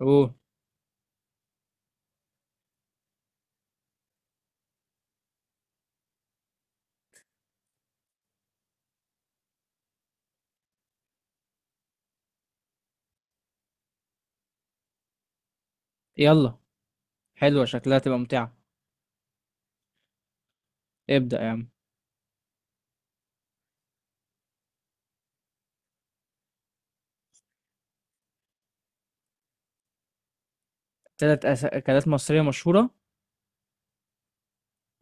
اوه. يلا، حلوة شكلها تبقى ممتعة. ابدأ يا عم. تلات أكلات مصرية مشهورة.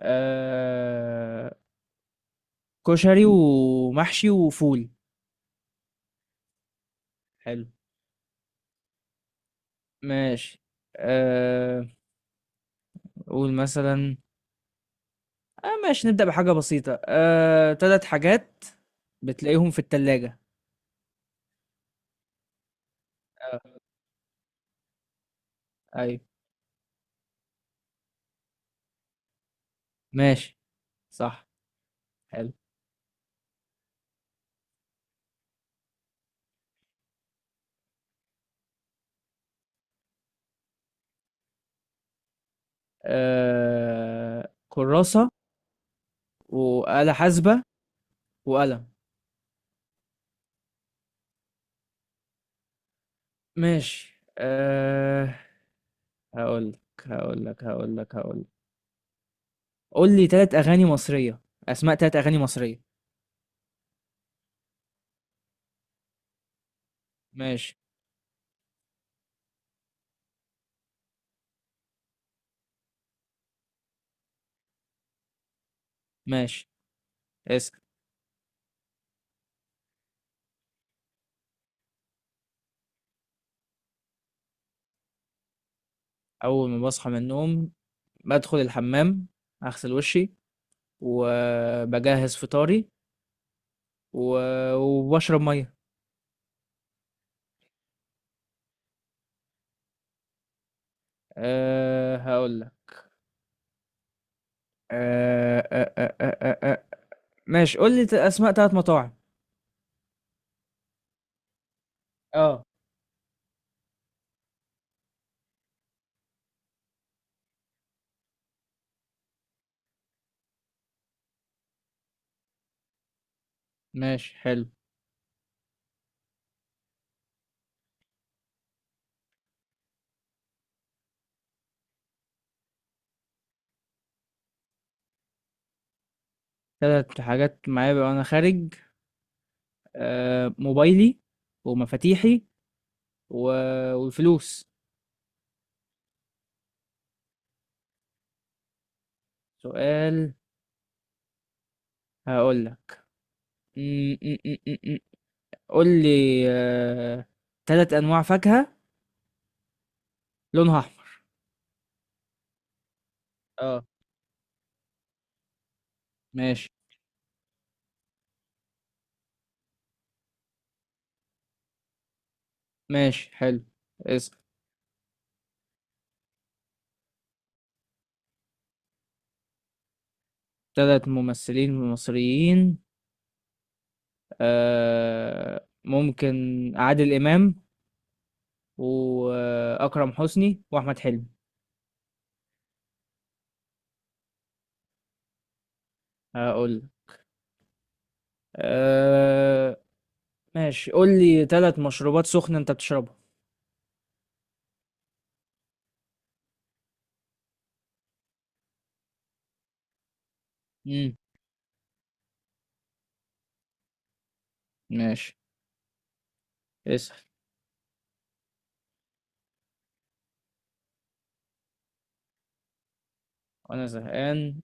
آه... كشري ومحشي وفول. حلو. ماشي. آه... قول مثلا. ماشي، نبدأ بحاجة بسيطة. تلات حاجات بتلاقيهم في التلاجة. آه. أيوة. ماشي. صح. حلو. كراسة، وآلة حاسبة، وقلم. ماشي. هقول لك هقول لك. قول لي ثلاث اغاني مصريه. اسماء ثلاث اغاني مصريه. ماشي. ماشي، اسال. اول ما بصحى من النوم، بدخل الحمام، اغسل وشي، وبجهز فطاري، وبشرب ميه. أه، هقول لك. أه أه أه أه أه. أه. أه. ماشي، قول لي اسماء ثلاث مطاعم. اه. ماشي، حلو. ثلاث حاجات معايا وانا خارج. أه، موبايلي، ومفاتيحي، والفلوس. سؤال، هقول لك. م- م- م- م- م. قول لي تلات انواع فاكهة لونها احمر. اه. ماشي. ماشي، حلو. اسأل. تلات ممثلين مصريين. ممكن عادل امام، واكرم حسني، واحمد حلمي. هقول لك. آه... ماشي، قول لي تلات مشروبات سخنة انت بتشربها. امم. ماشي، اسأل. وانا زهقان،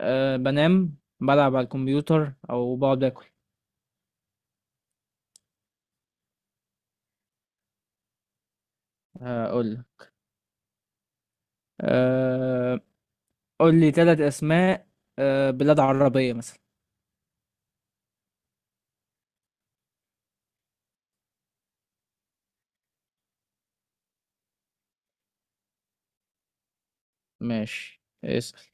بنام، بلعب على الكمبيوتر، او بقعد اكل. هقول. أه... قول لي ثلاث اسماء بلاد عربية مثلا. ماشي، اسأل.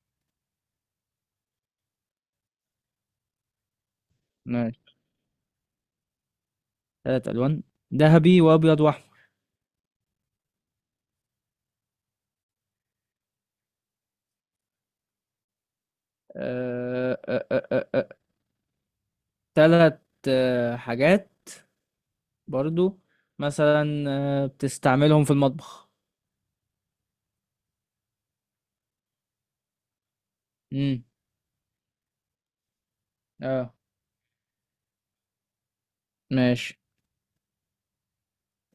ماشي، ثلاث الوان: ذهبي، وابيض، واحمر. أه... أه... أه... أه... آه، ثلاث حاجات برضو، مثلا بتستعملهم في المطبخ. امم. اه، ماشي،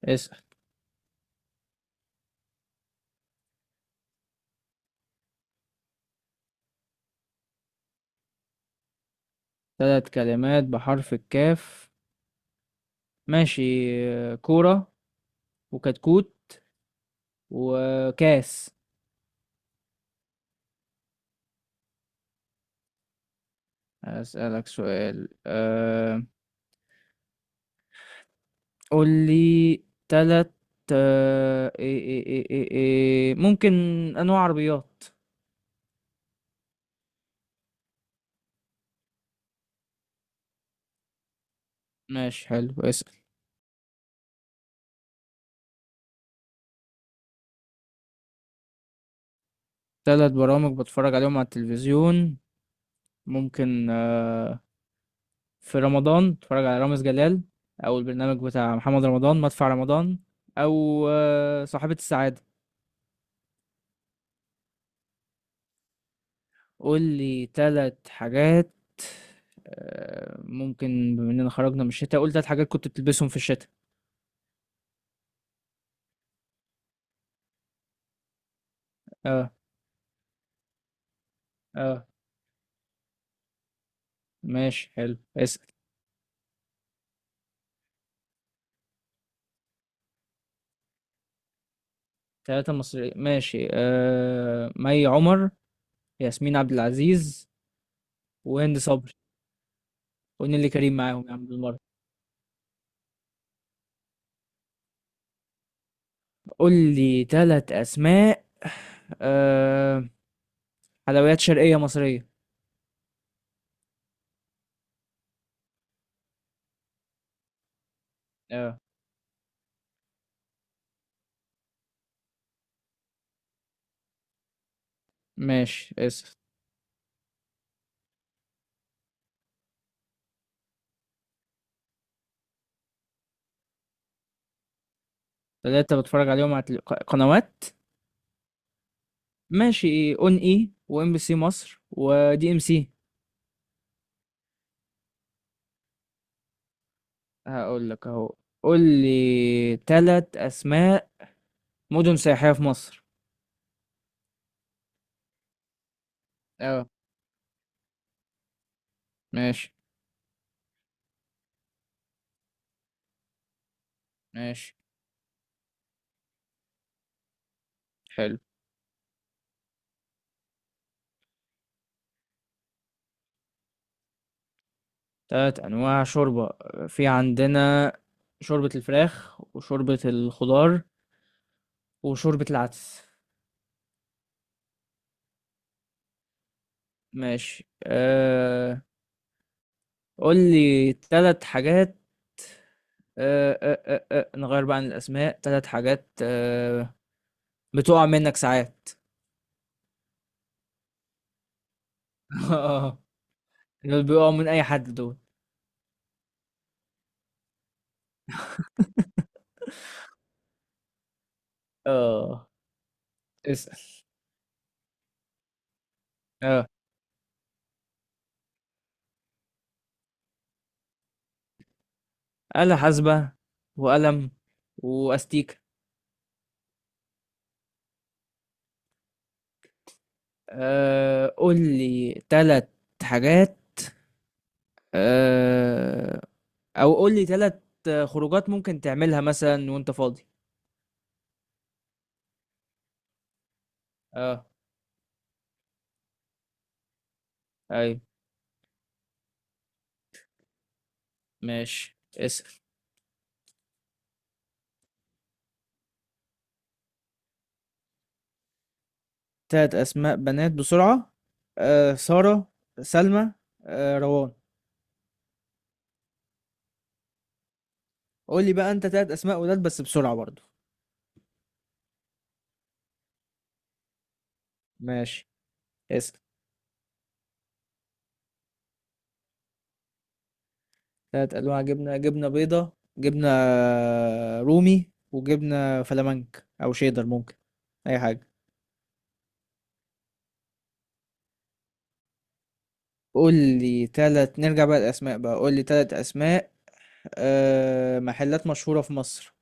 اسأل. ثلاث كلمات بحرف الكاف. ماشي. كورة، وكتكوت، وكاس. أسألك سؤال. قول لي تلات، آه، إيه إيه إيه إيه إيه ممكن أنواع عربيات. ماشي، حلو، اسأل. تلات برامج بتفرج عليهم على التلفزيون. ممكن في رمضان بتفرج على رامز جلال، أو البرنامج بتاع محمد رمضان مدفع رمضان، أو صاحبة السعادة. قول لي تلات حاجات. ممكن بما إننا خرجنا من الشتاء، قول تلات حاجات كنت بتلبسهم في الشتاء. اه. اه، ماشي، حلو، اسأل. ثلاثة مصريين، ماشي. مي عمر، ياسمين عبد العزيز، وهند صبري، ونيلي كريم معاهم يا عم بالمرة. قول لي ثلاث أسماء آه... حلويات شرقية مصرية. اه. ماشي، اسف. ثلاثة بتفرج عليهم على قنوات. ماشي، اون اي، وام بي سي مصر، ودي ام سي. هقول لك اهو. قول لي ثلاث أسماء مدن سياحية في مصر. اه، ماشي. ماشي، حلو. تلات أنواع شوربة. في عندنا شوربة الفراخ، وشوربة الخضار، وشوربة العدس. ماشي. قول لي تلات حاجات. نغير بقى عن الأسماء، تلات حاجات بتقع منك ساعات. اه، دول بيقعوا من أي حد دول. اه، اسأل. اه، آلة حاسبة، وقلم، وأستيكة. قول لي تلات حاجات. أه... او قول لي ثلاث خروجات ممكن تعملها مثلا وانت فاضي. اه. ايوه. ماشي، اسأل. ثلاث اسماء بنات بسرعة. سارة، سلمى، روان. قول لي بقى انت ثلاث اسماء ولاد بس بسرعة برضو. ماشي، اسأل. ثلاث انواع جبنة: جبنة بيضة، جبنة رومي، وجبنة فلامنك، او شيدر، ممكن اي حاجة. قول لي ثلاث، نرجع بقى الاسماء بقى، قول لي ثلاث اسماء محلات مشهورة في مصر.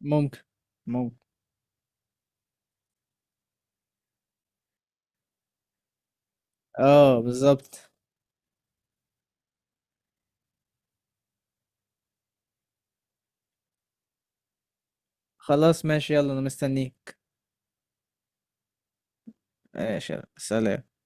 ممكن. ممكن. اه، بالظبط. خلاص، ماشي، يلا، انا مستنيك. ماشي يلا. سلام.